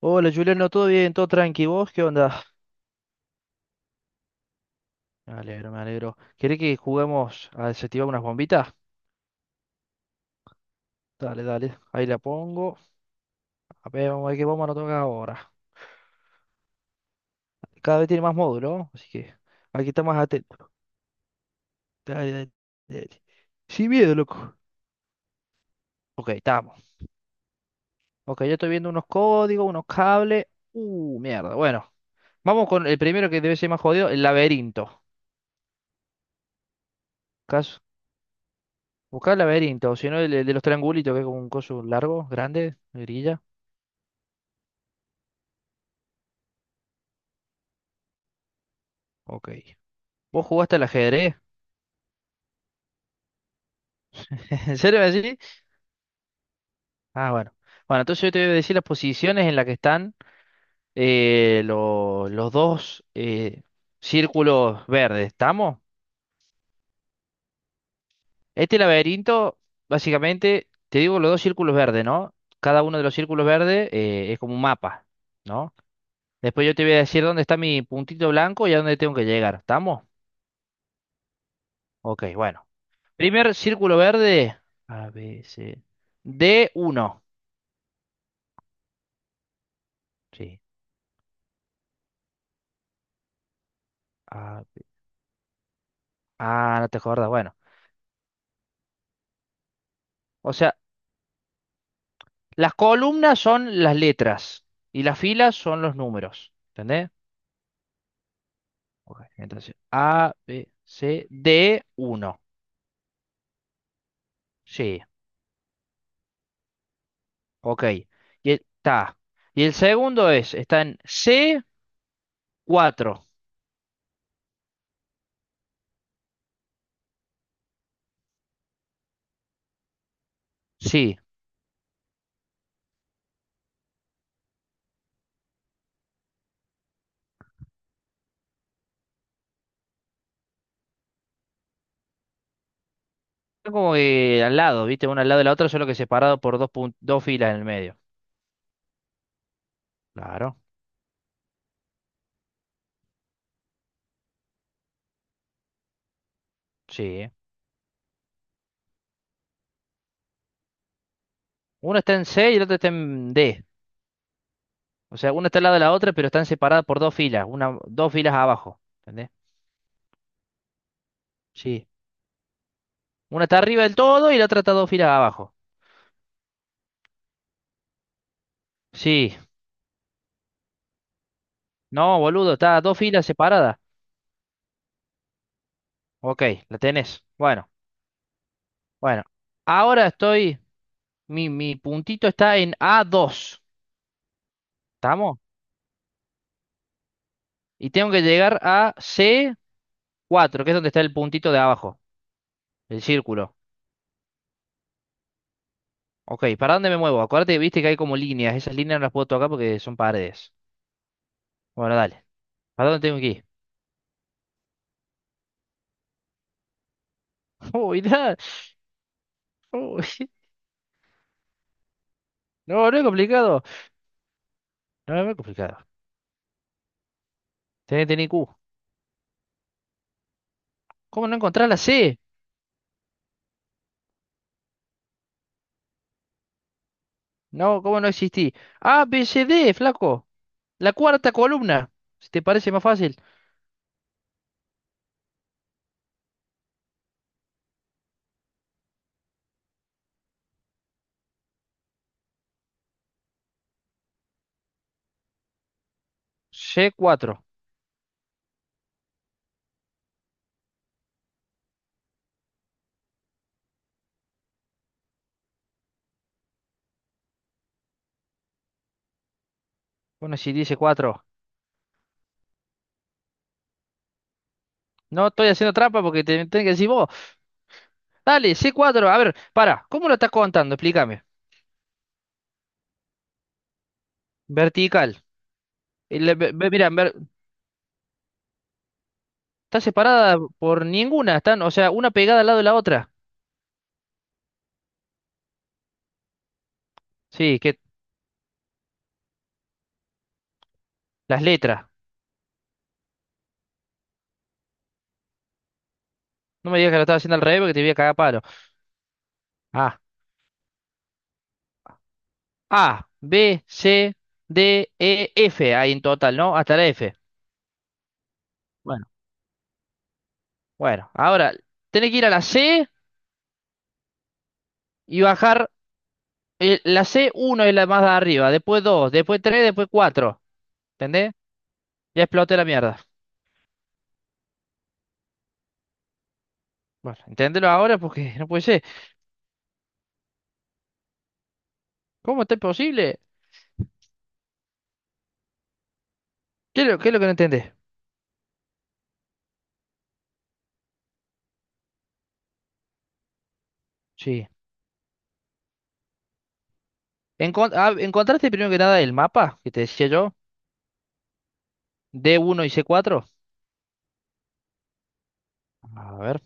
Hola Juliano, ¿todo bien? ¿Todo tranqui? ¿Vos qué onda? Me alegro, me alegro. ¿Querés que juguemos a desactivar unas bombitas? Dale, dale. Ahí la pongo. A ver, vamos a ver qué bomba nos toca ahora. Cada vez tiene más módulo, ¿no?, así que hay que estar más atento. Dale, dale, dale. Sin miedo, loco. Ok, estamos. Ok, yo estoy viendo unos códigos, unos cables. Mierda. Bueno, vamos con el primero que debe ser más jodido, el laberinto. Caso. Buscar el laberinto, o si no, el de los triangulitos, que es como un coso largo, grande, grilla. Ok. ¿Vos jugaste al ajedrez? ¿En serio así? Ah, bueno. Bueno, entonces yo te voy a decir las posiciones en las que están los dos círculos verdes. ¿Estamos? Este laberinto, básicamente, te digo los dos círculos verdes, ¿no? Cada uno de los círculos verdes es como un mapa, ¿no? Después yo te voy a decir dónde está mi puntito blanco y a dónde tengo que llegar. ¿Estamos? Ok, bueno. Primer círculo verde. A, B, C. D uno. Sí. A, B. Ah, no te acuerdas. Bueno. O sea, las columnas son las letras y las filas son los números. ¿Entendés? Ok, entonces, A, B, C, D, uno. Sí, ok. Y está. Y el segundo es, está en C, cuatro. Sí. Es como que al lado, ¿viste? Uno al lado de la otra, solo que separado por dos, dos filas en el medio. Claro, sí. Uno está en C y el otro está en D. O sea, uno está al lado de la otra, pero están separadas por dos filas, una, dos filas abajo. ¿Entendés? Sí. Una está arriba del todo y la otra está dos filas abajo. Sí. No, boludo, está dos filas separadas. Ok, la tenés. Bueno, bueno. Ahora estoy. Mi puntito está en A dos. ¿Estamos? Y tengo que llegar a C cuatro que es donde está el puntito de abajo, el círculo. Ok, ¿para dónde me muevo? Acuérdate, viste que hay como líneas. Esas líneas no las puedo tocar porque son paredes. Bueno, dale. ¿Para dónde tengo que ir? Uy, uy. No, no es complicado. No, no es complicado. Tenés que tener Q. ¿Cómo no encontrar la C? No, ¿cómo no existí? A, B, C, D, flaco. La cuarta columna. Si te parece más fácil. C4. Bueno, si dice 4. No estoy haciendo trampa porque te tenés que decir vos. Dale, C4. A ver, para. ¿Cómo lo estás contando? Explícame. Vertical. Mira, está separada por ninguna. Están, o sea, una pegada al lado de la otra. Sí, que las letras. No me digas que lo estás haciendo al revés porque te voy a cagar a palo. Ah, A, B, C, D, E, F. Ahí en total, ¿no? Hasta la F. Bueno, ahora tenés que ir a la C y bajar. La C, uno es la más de arriba, después 2, después 3, después cuatro. ¿Entendés? Ya exploté la mierda. Bueno, entendelo ahora porque no puede ser. ¿Cómo está posible? Qué es lo que no entendés? Sí. ¿Encontraste primero que nada el mapa que te decía yo? D uno y C cuatro. A ver,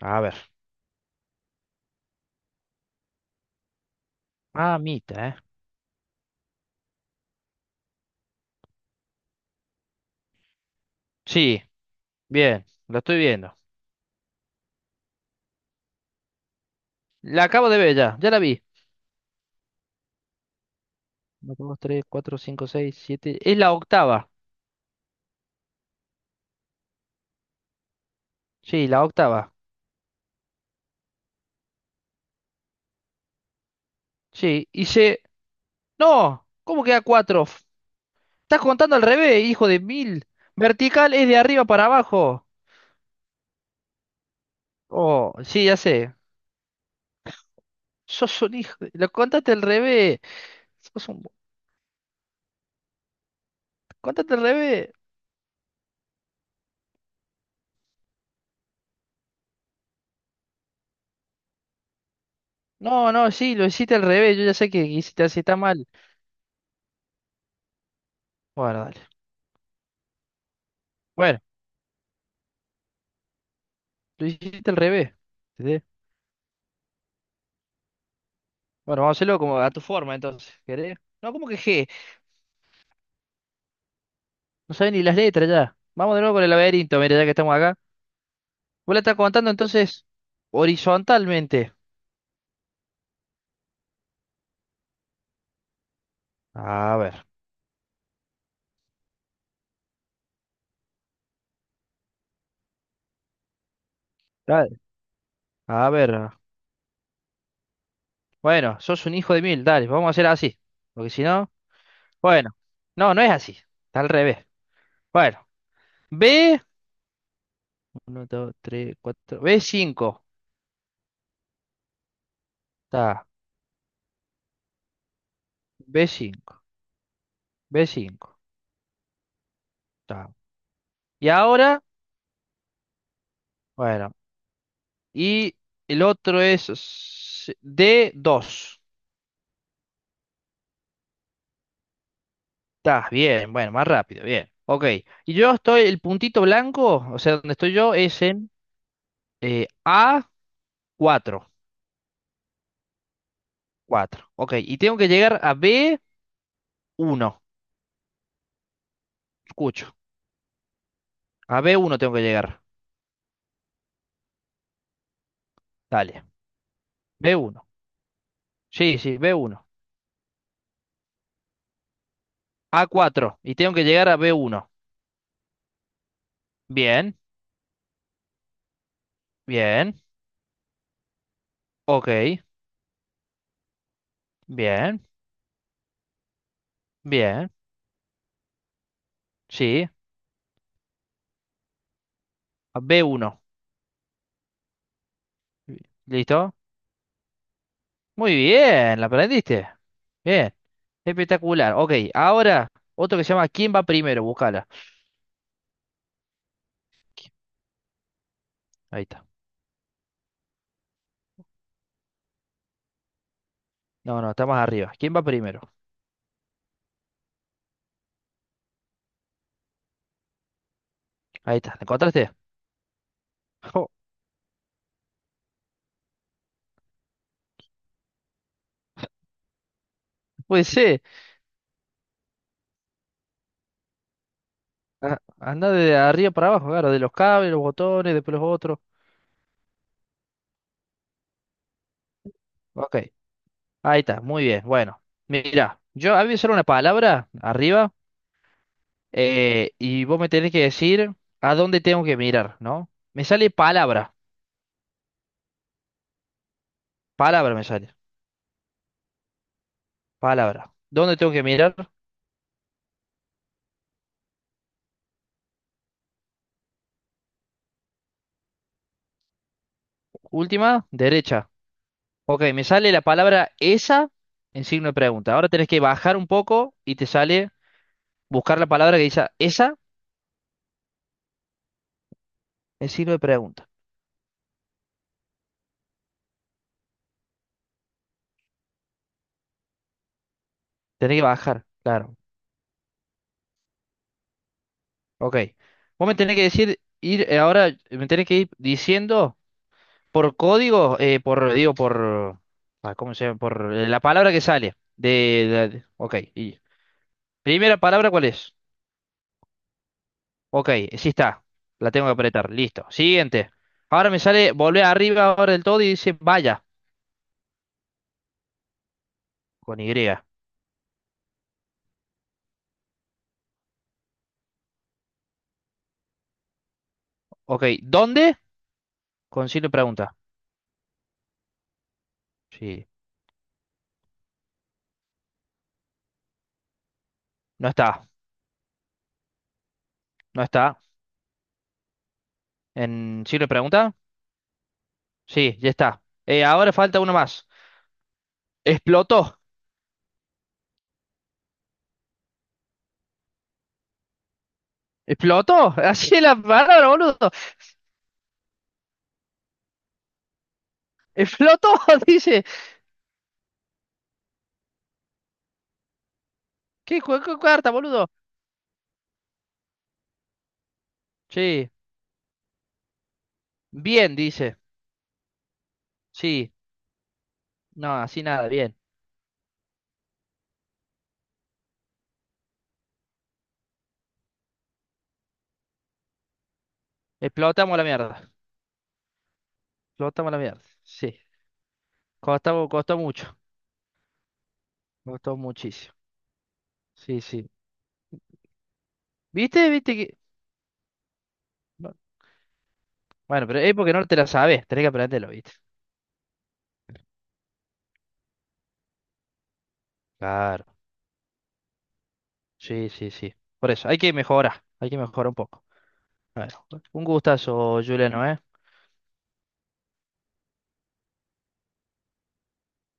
a ver. Ah, mita, ¿eh? Sí, bien, lo estoy viendo. La acabo de ver ya, ya la vi. Uno, 2, 3, 4, 5, 6, 7. Es la octava. Sí, la octava. Sí, hice. No, ¿cómo queda cuatro? Estás contando al revés, hijo de mil. Vertical es de arriba para abajo. Oh, sí, ya sé. Sos un hijo. Lo contaste al revés. Sos un... Contaste al revés. No, no, sí, lo hiciste al revés. Yo ya sé que hiciste así, está mal. Bueno, dale. Bueno, lo hiciste al revés. ¿Entendés? Bueno, vamos a hacerlo como a tu forma, entonces. ¿Querés? No, ¿cómo que G? No sabes ni las letras ya. Vamos de nuevo con el laberinto, mira, ya que estamos acá. Vos la estás contando entonces horizontalmente. A ver, dale. A ver. Bueno, sos un hijo de mil, dale, vamos a hacer así. Porque si no, bueno. No, no es así. Está al revés. Bueno, B. Uno, dos, tres, cuatro, B cinco. Está. B cinco, B cinco. Está. Y ahora, bueno. Y el otro es D dos. Está, bien, bueno, más rápido, bien. Ok. Y yo estoy, el puntito blanco, o sea, donde estoy yo, es en A cuatro. Cuatro. Ok, y tengo que llegar a B uno. Escucho. A B uno tengo que llegar. Dale. B uno. Sí, sí, B uno, A cuatro. Y tengo que llegar a B uno. Bien, bien. Ok, bien, bien. Sí, a B uno. ¿Listo? Muy bien, la aprendiste. Bien. Espectacular. Ok, ahora otro que se llama ¿Quién va primero? Búscala. Qui- Ahí está. No, no, está más arriba. ¿Quién va primero? Ahí está. ¿La encontraste? Oh, puede ser. Ah, anda de arriba para abajo, claro, de los cables, los botones, después los otros. Ok, ahí está, muy bien. Bueno, mira, yo había solo una palabra arriba y vos me tenés que decir a dónde tengo que mirar, ¿no? Me sale palabra, palabra me sale, palabra. ¿Dónde tengo que mirar? Última, derecha. Ok, me sale la palabra esa en signo de pregunta. Ahora tenés que bajar un poco y te sale buscar la palabra que dice esa en signo de pregunta. Tenés que bajar, claro. Ok. Vos me tenés que decir, ir ahora, me tenés que ir diciendo por código, por, digo, por, ¿cómo se llama? Por la palabra que sale. Ok. Y, primera palabra, ¿cuál es? Ok, sí está. La tengo que apretar. Listo. Siguiente. Ahora me sale, volver arriba ahora del todo y dice vaya, con Y. Ok, ¿dónde? Con signo de pregunta. Sí. No está, no está. ¿En signo de pregunta? Sí, ya está. Ahora falta uno más. Explotó. Explotó, así es la palabra, boludo. Explotó, dice. ¿Qué juego carta, boludo? Sí, bien, dice. Sí, no, así nada, bien. Explotamos la mierda. Explotamos la mierda. Sí, costó, costó mucho. Costó muchísimo. Sí, sí. ¿Viste? ¿Viste que? No, bueno, pero es porque no te la sabes. Tenés que aprenderlo, ¿viste? Claro. Sí, sí, sí. Por eso, hay que mejorar. Hay que mejorar un poco. Bueno, un gustazo, Juliano, ¿eh?